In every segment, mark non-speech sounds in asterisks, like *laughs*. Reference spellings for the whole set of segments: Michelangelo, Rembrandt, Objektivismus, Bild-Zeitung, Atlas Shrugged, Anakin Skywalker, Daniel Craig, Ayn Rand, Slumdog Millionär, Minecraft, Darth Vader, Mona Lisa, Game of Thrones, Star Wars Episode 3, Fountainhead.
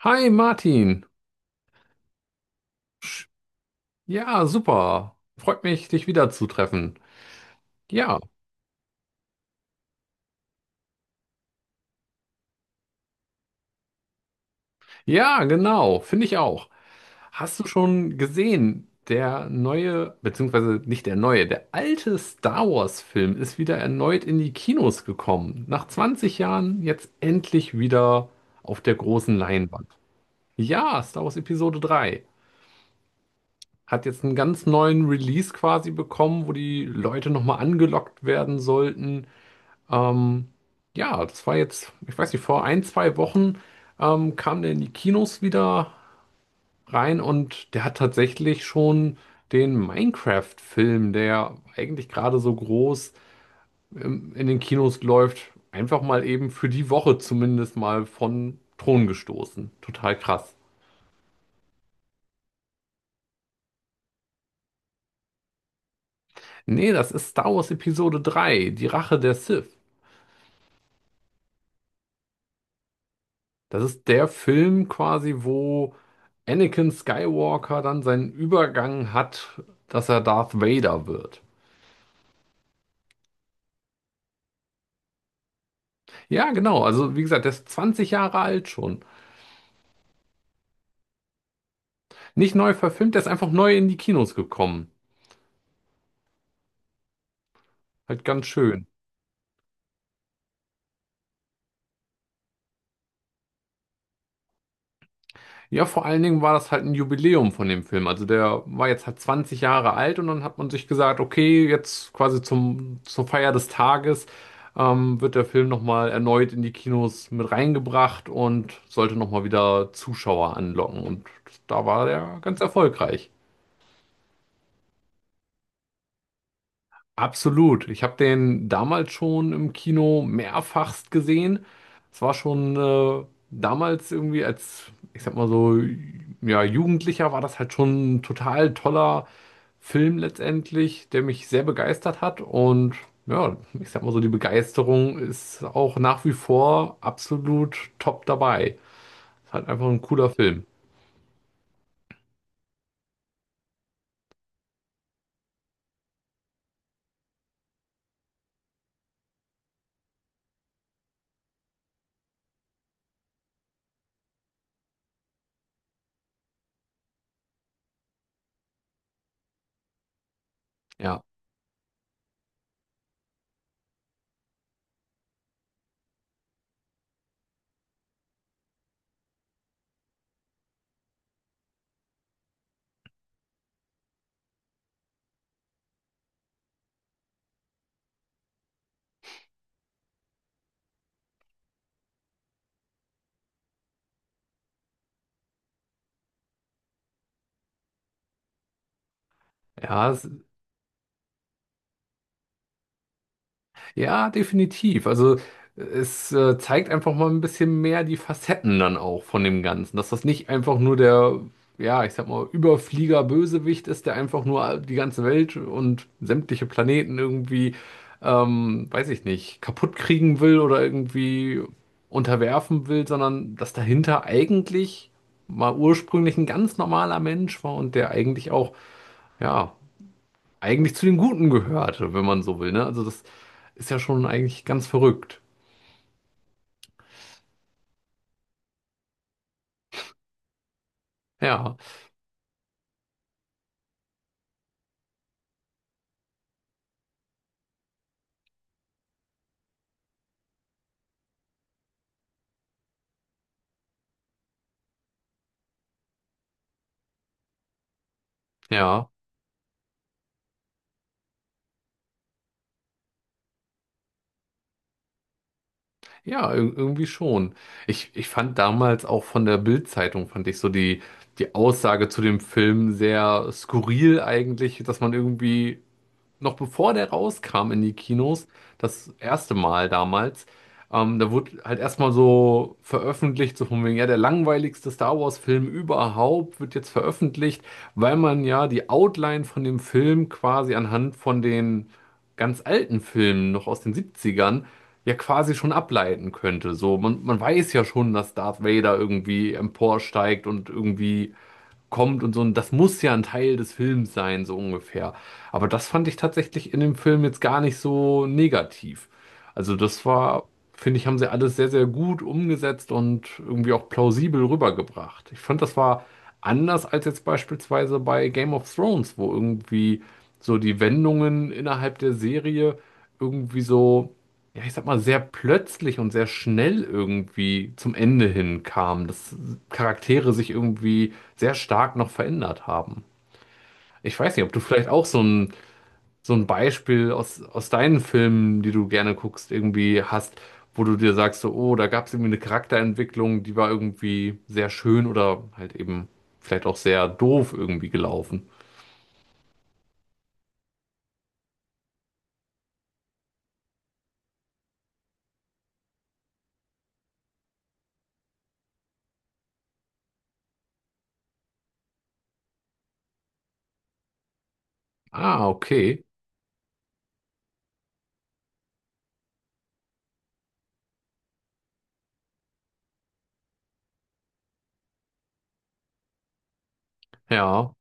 Hi Martin. Ja, super. Freut mich, dich wiederzutreffen. Ja, ja, genau, finde ich auch. Hast du schon gesehen, der neue, beziehungsweise nicht der neue, der alte Star Wars-Film ist wieder erneut in die Kinos gekommen. Nach 20 Jahren jetzt endlich wieder auf der großen Leinwand. Ja, Star Wars Episode 3 hat jetzt einen ganz neuen Release quasi bekommen, wo die Leute nochmal angelockt werden sollten. Ähm, ja, das war jetzt, ich weiß nicht, vor ein, zwei Wochen kam der in die Kinos wieder rein und der hat tatsächlich schon den Minecraft-Film, der eigentlich gerade so groß in den Kinos läuft, einfach mal eben für die Woche zumindest mal von Thron gestoßen. Total krass. Nee, das ist Star Wars Episode drei, die Rache der Sith. Das ist der Film quasi, wo Anakin Skywalker dann seinen Übergang hat, dass er Darth Vader wird. Ja, genau. Also, wie gesagt, der ist 20 Jahre alt schon. Nicht neu verfilmt, der ist einfach neu in die Kinos gekommen. Halt ganz schön. Ja, vor allen Dingen war das halt ein Jubiläum von dem Film. Also der war jetzt halt 20 Jahre alt und dann hat man sich gesagt, okay, jetzt quasi zum, zur Feier des Tages wird der Film nochmal erneut in die Kinos mit reingebracht und sollte nochmal wieder Zuschauer anlocken. Und da war der ganz erfolgreich. Absolut. Ich habe den damals schon im Kino mehrfachst gesehen. Es war schon damals irgendwie als, ich sag mal so, ja, Jugendlicher war das halt schon ein total toller Film letztendlich, der mich sehr begeistert hat. Und ja, ich sag mal so, die Begeisterung ist auch nach wie vor absolut top dabei. Ist halt einfach ein cooler Film. Ja. Ja, es. Ja, definitiv. Also es zeigt einfach mal ein bisschen mehr die Facetten dann auch von dem Ganzen, dass das nicht einfach nur der, ja, ich sag mal, Überflieger-Bösewicht ist, der einfach nur die ganze Welt und sämtliche Planeten irgendwie, weiß ich nicht, kaputt kriegen will oder irgendwie unterwerfen will, sondern dass dahinter eigentlich mal ursprünglich ein ganz normaler Mensch war und der eigentlich auch, ja eigentlich zu den Guten gehört, wenn man so will, ne? Also das ist ja schon eigentlich ganz verrückt. Ja, ja, ja, irgendwie schon. Ich fand damals auch von der Bild-Zeitung, fand ich so die, die Aussage zu dem Film sehr skurril eigentlich, dass man irgendwie noch bevor der rauskam in die Kinos, das erste Mal damals, da wurde halt erstmal so veröffentlicht, so von wegen, ja, der langweiligste Star Wars-Film überhaupt wird jetzt veröffentlicht, weil man ja die Outline von dem Film quasi anhand von den ganz alten Filmen noch aus den 70ern ja quasi schon ableiten könnte. So, man weiß ja schon, dass Darth Vader irgendwie emporsteigt und irgendwie kommt und so. Und das muss ja ein Teil des Films sein, so ungefähr. Aber das fand ich tatsächlich in dem Film jetzt gar nicht so negativ. Also das war, finde ich, haben sie alles sehr, sehr gut umgesetzt und irgendwie auch plausibel rübergebracht. Ich fand, das war anders als jetzt beispielsweise bei Game of Thrones, wo irgendwie so die Wendungen innerhalb der Serie irgendwie so, ja, ich sag mal, sehr plötzlich und sehr schnell irgendwie zum Ende hin kam, dass Charaktere sich irgendwie sehr stark noch verändert haben. Ich weiß nicht, ob du vielleicht auch so ein Beispiel aus, aus deinen Filmen, die du gerne guckst, irgendwie hast, wo du dir sagst, so, oh, da gab es irgendwie eine Charakterentwicklung, die war irgendwie sehr schön oder halt eben vielleicht auch sehr doof irgendwie gelaufen. Ah, okay. Ja,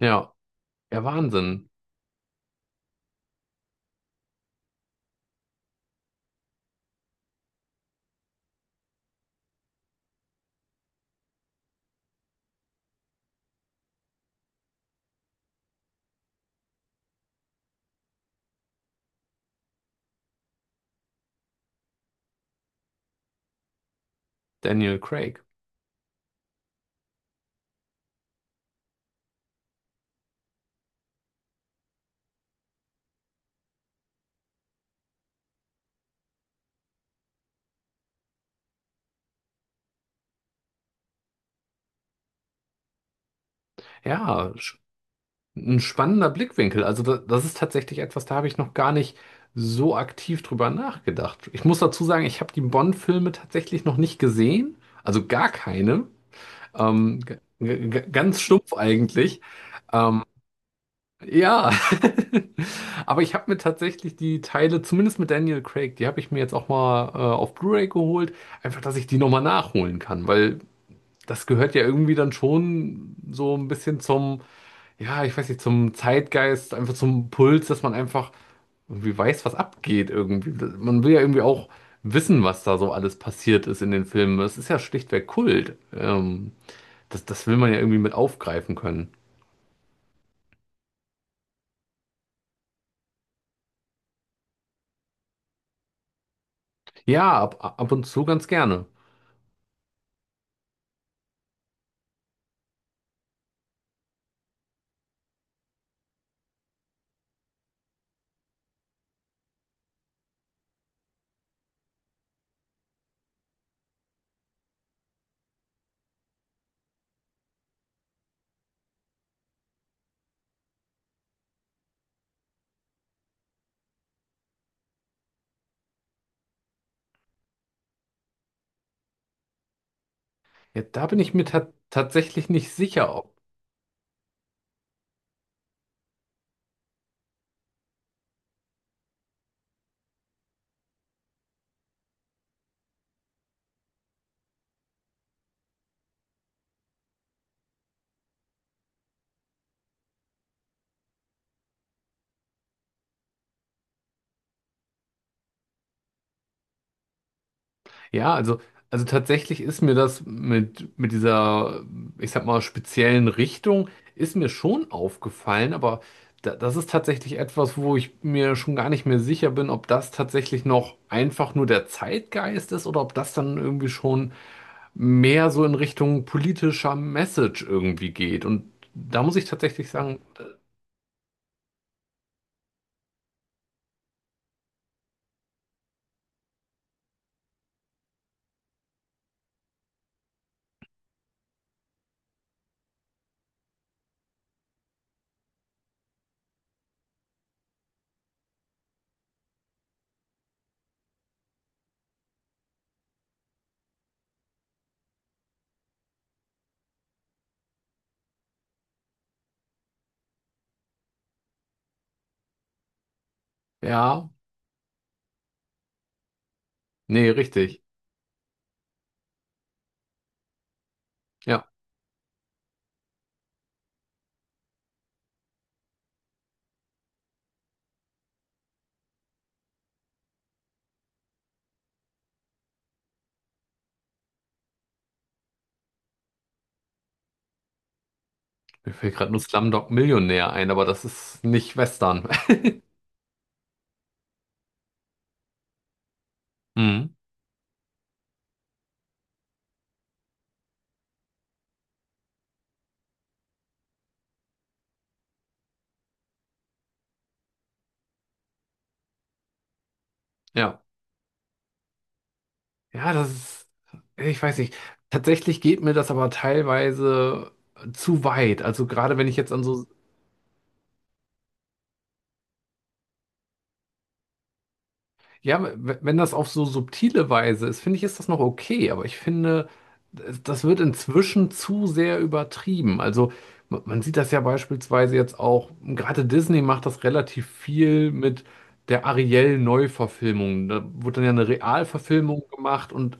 ja. Ja, Wahnsinn. Daniel Craig. Ja, ein spannender Blickwinkel. Also da, das ist tatsächlich etwas, da habe ich noch gar nicht so aktiv drüber nachgedacht. Ich muss dazu sagen, ich habe die Bond-Filme tatsächlich noch nicht gesehen. Also gar keine. Ganz stumpf eigentlich. Ähm, ja. *laughs* Aber ich habe mir tatsächlich die Teile, zumindest mit Daniel Craig, die habe ich mir jetzt auch mal auf Blu-ray geholt. Einfach, dass ich die nochmal nachholen kann. Weil das gehört ja irgendwie dann schon so ein bisschen zum, ja, ich weiß nicht, zum Zeitgeist, einfach zum Puls, dass man einfach irgendwie weiß, was abgeht irgendwie. Man will ja irgendwie auch wissen, was da so alles passiert ist in den Filmen. Es ist ja schlichtweg Kult. Das, das will man ja irgendwie mit aufgreifen können. Ja, ab, ab und zu ganz gerne. Ja, da bin ich mir ta tatsächlich nicht sicher. Ja, also tatsächlich ist mir das mit dieser, ich sag mal, speziellen Richtung, ist mir schon aufgefallen, aber da, das ist tatsächlich etwas, wo ich mir schon gar nicht mehr sicher bin, ob das tatsächlich noch einfach nur der Zeitgeist ist oder ob das dann irgendwie schon mehr so in Richtung politischer Message irgendwie geht. Und da muss ich tatsächlich sagen, ja, nee, richtig. Ja, mir fällt gerade nur Slumdog Millionär ein, aber das ist nicht Western. *laughs* Mhm. Ja. Ja, das ist, ich weiß nicht. Tatsächlich geht mir das aber teilweise zu weit. Also gerade wenn ich jetzt an so, ja, wenn das auf so subtile Weise ist, finde ich, ist das noch okay. Aber ich finde, das wird inzwischen zu sehr übertrieben. Also man sieht das ja beispielsweise jetzt auch, gerade Disney macht das relativ viel mit. Der Ariel-Neuverfilmung. Da wurde dann ja eine Realverfilmung gemacht und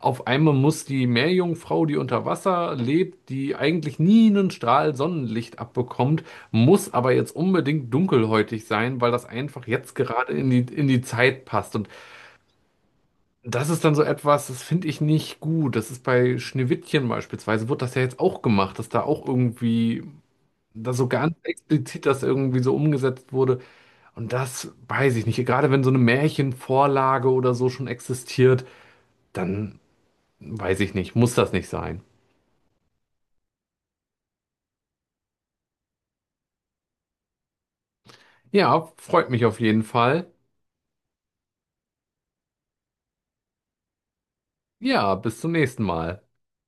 auf einmal muss die Meerjungfrau, die unter Wasser lebt, die eigentlich nie einen Strahl Sonnenlicht abbekommt, muss aber jetzt unbedingt dunkelhäutig sein, weil das einfach jetzt gerade in die Zeit passt. Und das ist dann so etwas, das finde ich nicht gut. Das ist bei Schneewittchen beispielsweise, wird das ja jetzt auch gemacht, dass da auch irgendwie, da so ganz explizit das irgendwie so umgesetzt wurde und das weiß ich nicht. Gerade wenn so eine Märchenvorlage oder so schon existiert, dann weiß ich nicht, muss das nicht sein. Ja, freut mich auf jeden Fall. Ja, bis zum nächsten Mal.